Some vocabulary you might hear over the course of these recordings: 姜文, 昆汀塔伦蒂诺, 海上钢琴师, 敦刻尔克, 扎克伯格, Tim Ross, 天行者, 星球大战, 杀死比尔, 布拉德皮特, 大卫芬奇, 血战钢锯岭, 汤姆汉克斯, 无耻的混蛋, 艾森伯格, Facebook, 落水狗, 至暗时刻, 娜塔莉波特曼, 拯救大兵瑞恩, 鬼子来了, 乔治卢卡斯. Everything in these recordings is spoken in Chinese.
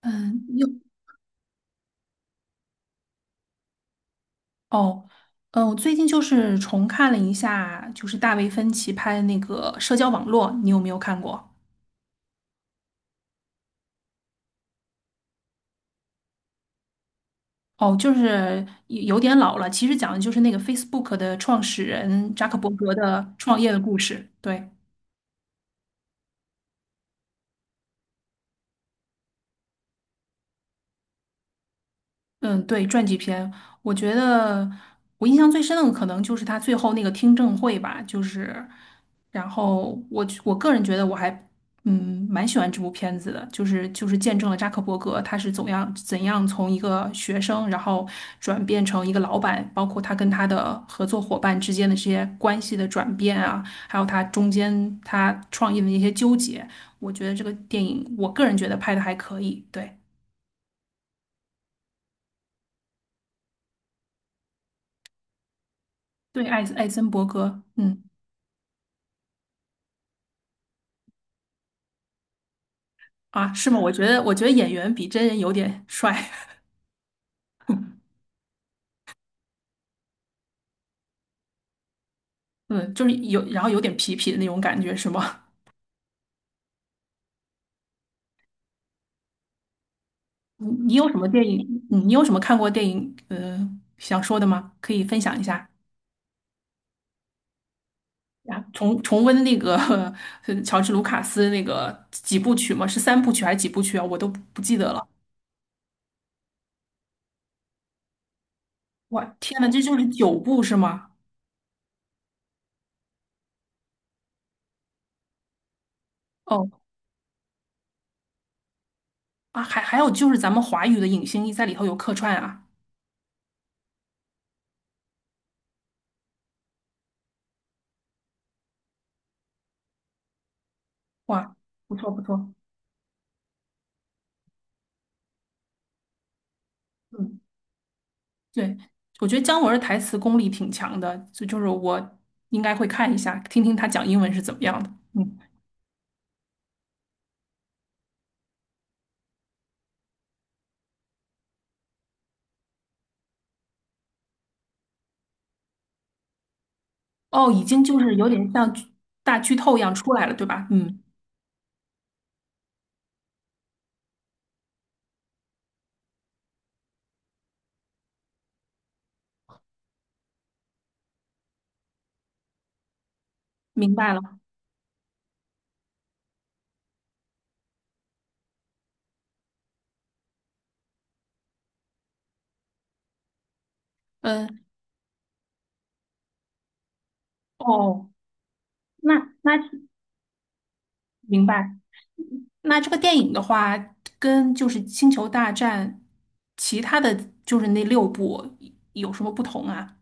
嗯，又哦，我最近就是重看了一下，就是大卫芬奇拍的那个《社交网络》，你有没有看过？哦，就是有点老了，其实讲的就是那个 Facebook 的创始人扎克伯格的创业的故事。对。嗯，对，传记片，我觉得我印象最深的可能就是他最后那个听证会吧，就是，然后我个人觉得我还嗯蛮喜欢这部片子的，就是见证了扎克伯格他是怎样从一个学生，然后转变成一个老板，包括他跟他的合作伙伴之间的这些关系的转变啊，还有他中间他创业的那些纠结，我觉得这个电影我个人觉得拍的还可以，对对，艾森伯格，嗯。啊，是吗？我觉得演员比真人有点帅，嗯，就是有，然后有点痞痞的那种感觉，是吗？你有什么电影？你有什么看过电影？嗯，想说的吗？可以分享一下呀？重温那个 乔治卢卡斯那个几部曲吗？是三部曲还是几部曲啊？我都不记得了。哇，天呐，这就是九部是吗？哦，啊，还有就是咱们华语的影星在里头有客串啊，哇，不错不错，嗯。对，我觉得姜文儿的台词功力挺强的，就是我应该会看一下，听听他讲英文是怎么样的。嗯，哦，已经就是有点像剧大剧透一样出来了，对吧？嗯，明白了。嗯，哦，那那明白。那这个电影的话，跟就是《星球大战》其他的就是那六部有什么不同啊？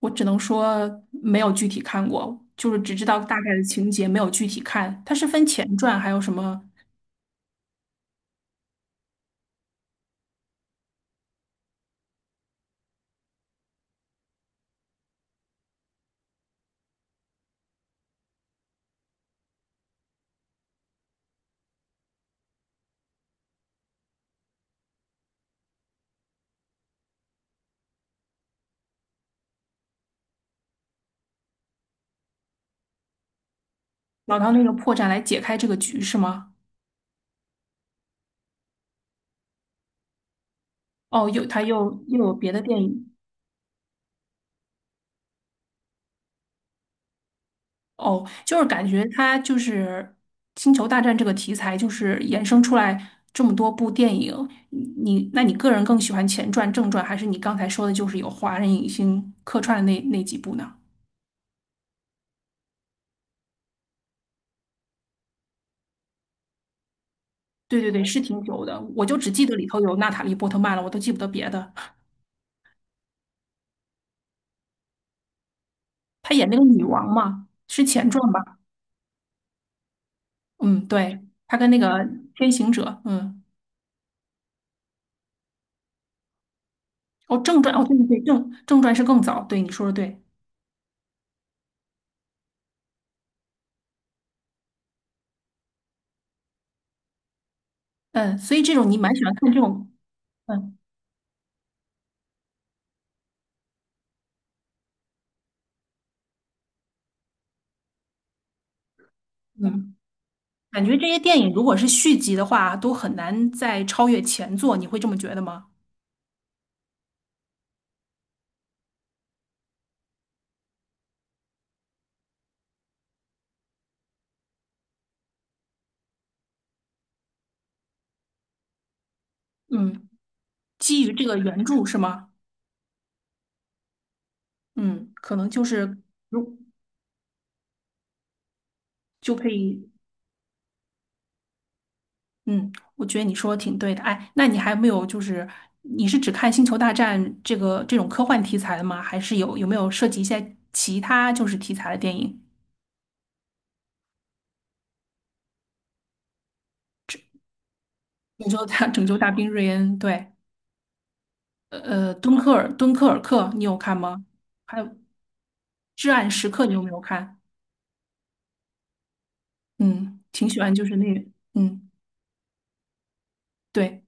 我只能说没有具体看过，就是只知道大概的情节，没有具体看。它是分前传还有什么？老唐那个破绽来解开这个局是吗？哦，又他又有别的电影哦，就是感觉他就是《星球大战》这个题材，就是衍生出来这么多部电影。你那你个人更喜欢前传、正传，还是你刚才说的就是有华人影星客串的那几部呢？对对对，是挺久的，我就只记得里头有娜塔莉波特曼了，我都记不得别的。她演那个女王嘛，是前传吧？嗯，对，她跟那个天行者，嗯。哦，正传哦，对对对，正传是更早，对你说的对，嗯，所以这种你蛮喜欢看这种，嗯嗯，感觉这些电影如果是续集的话，都很难再超越前作，你会这么觉得吗？嗯，基于这个原著是吗？嗯，可能就是如就可以，嗯，我觉得你说的挺对的。哎，那你还有没有就是你是只看《星球大战》这个这种科幻题材的吗？还是有没有涉及一些其他就是题材的电影？拯救大兵瑞恩，对。敦刻尔克你有看吗？还有《至暗时刻》，你有没有看？嗯，挺喜欢，就是那个，嗯，对，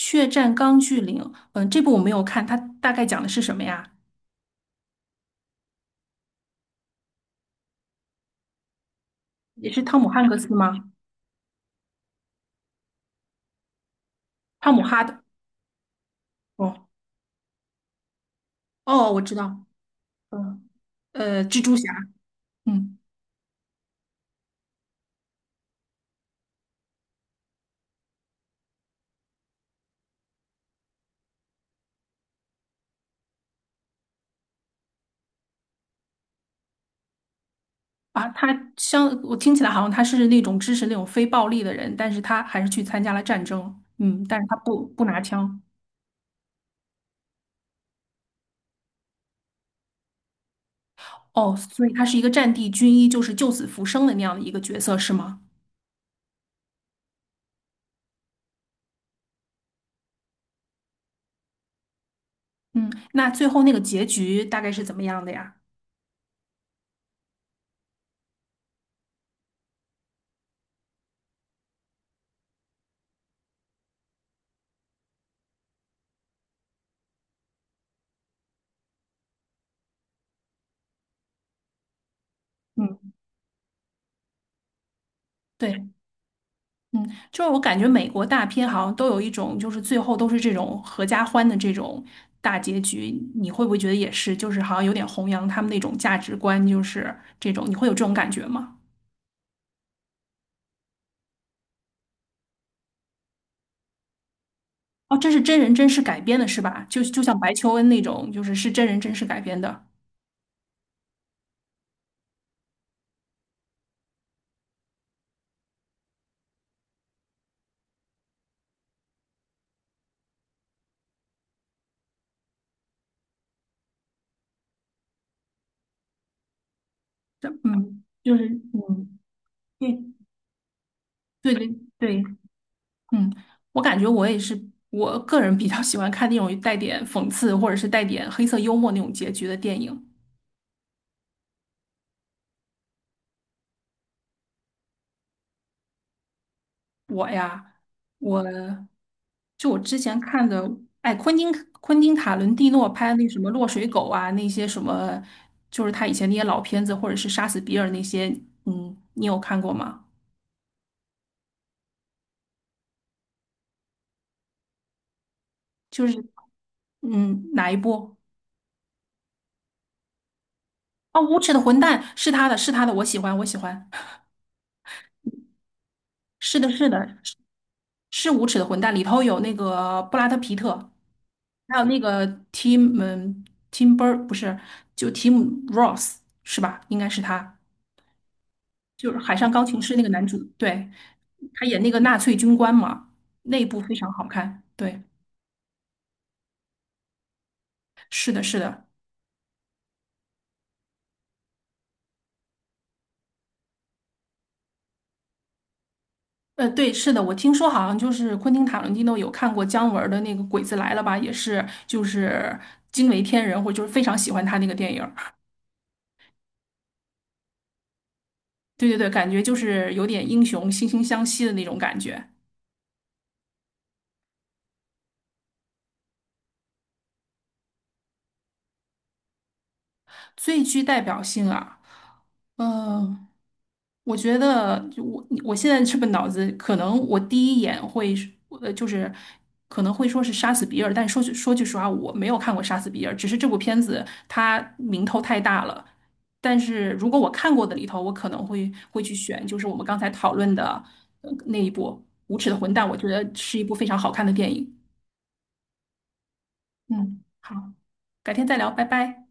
《血战钢锯岭》。嗯，这部我没有看，它大概讲的是什么呀？也是汤姆汉克斯吗？汤姆哈的。哦哦，我知道。嗯，蜘蛛侠。嗯啊，他像我听起来好像他是那种支持那种非暴力的人，但是他还是去参加了战争。嗯，但是他不拿枪。哦，所以他是一个战地军医，就是救死扶伤的那样的一个角色，是吗？嗯，那最后那个结局大概是怎么样的呀？嗯，对，嗯，就是我感觉美国大片好像都有一种，就是最后都是这种合家欢的这种大结局，你会不会觉得也是？就是好像有点弘扬他们那种价值观，就是这种，你会有这种感觉吗？哦，这是真人真事改编的，是吧？就像白求恩那种，就是是真人真事改编的。嗯，就是嗯，对对对对，嗯，我感觉我也是，我个人比较喜欢看那种带点讽刺或者是带点黑色幽默那种结局的电影。我呀，我就我之前看的，哎，昆汀塔伦蒂诺拍的那什么《落水狗》啊，那些什么，就是他以前那些老片子，或者是《杀死比尔》那些，嗯，你有看过吗？就是嗯，哪一部？哦，《无耻的混蛋》是他的，是他的，我喜欢，我喜欢，是的，是的，是无耻的混蛋，里头有那个布拉德皮特，还有那个 Tim 嗯 Tim Bur 不是，就 Tim Ross 是吧？应该是他，就是《海上钢琴师》那个男主，对，他演那个纳粹军官嘛，那一部非常好看。对，是的，是的，对，是的，我听说好像就是昆汀塔伦蒂诺有看过姜文儿的那个《鬼子来了》吧，也是就是惊为天人，或者就是非常喜欢他那个电影儿对对对，感觉就是有点英雄惺惺相惜的那种感觉。最具代表性啊，呃，我觉得我现在这个脑子，可能我第一眼会是呃，就是可能会说是《杀死比尔》，但说句实话，我没有看过《杀死比尔》，只是这部片子它名头太大了。但是如果我看过的里头，我可能会去选，就是我们刚才讨论的那一部《无耻的混蛋》，我觉得是一部非常好看的电影。嗯，好，改天再聊，拜拜。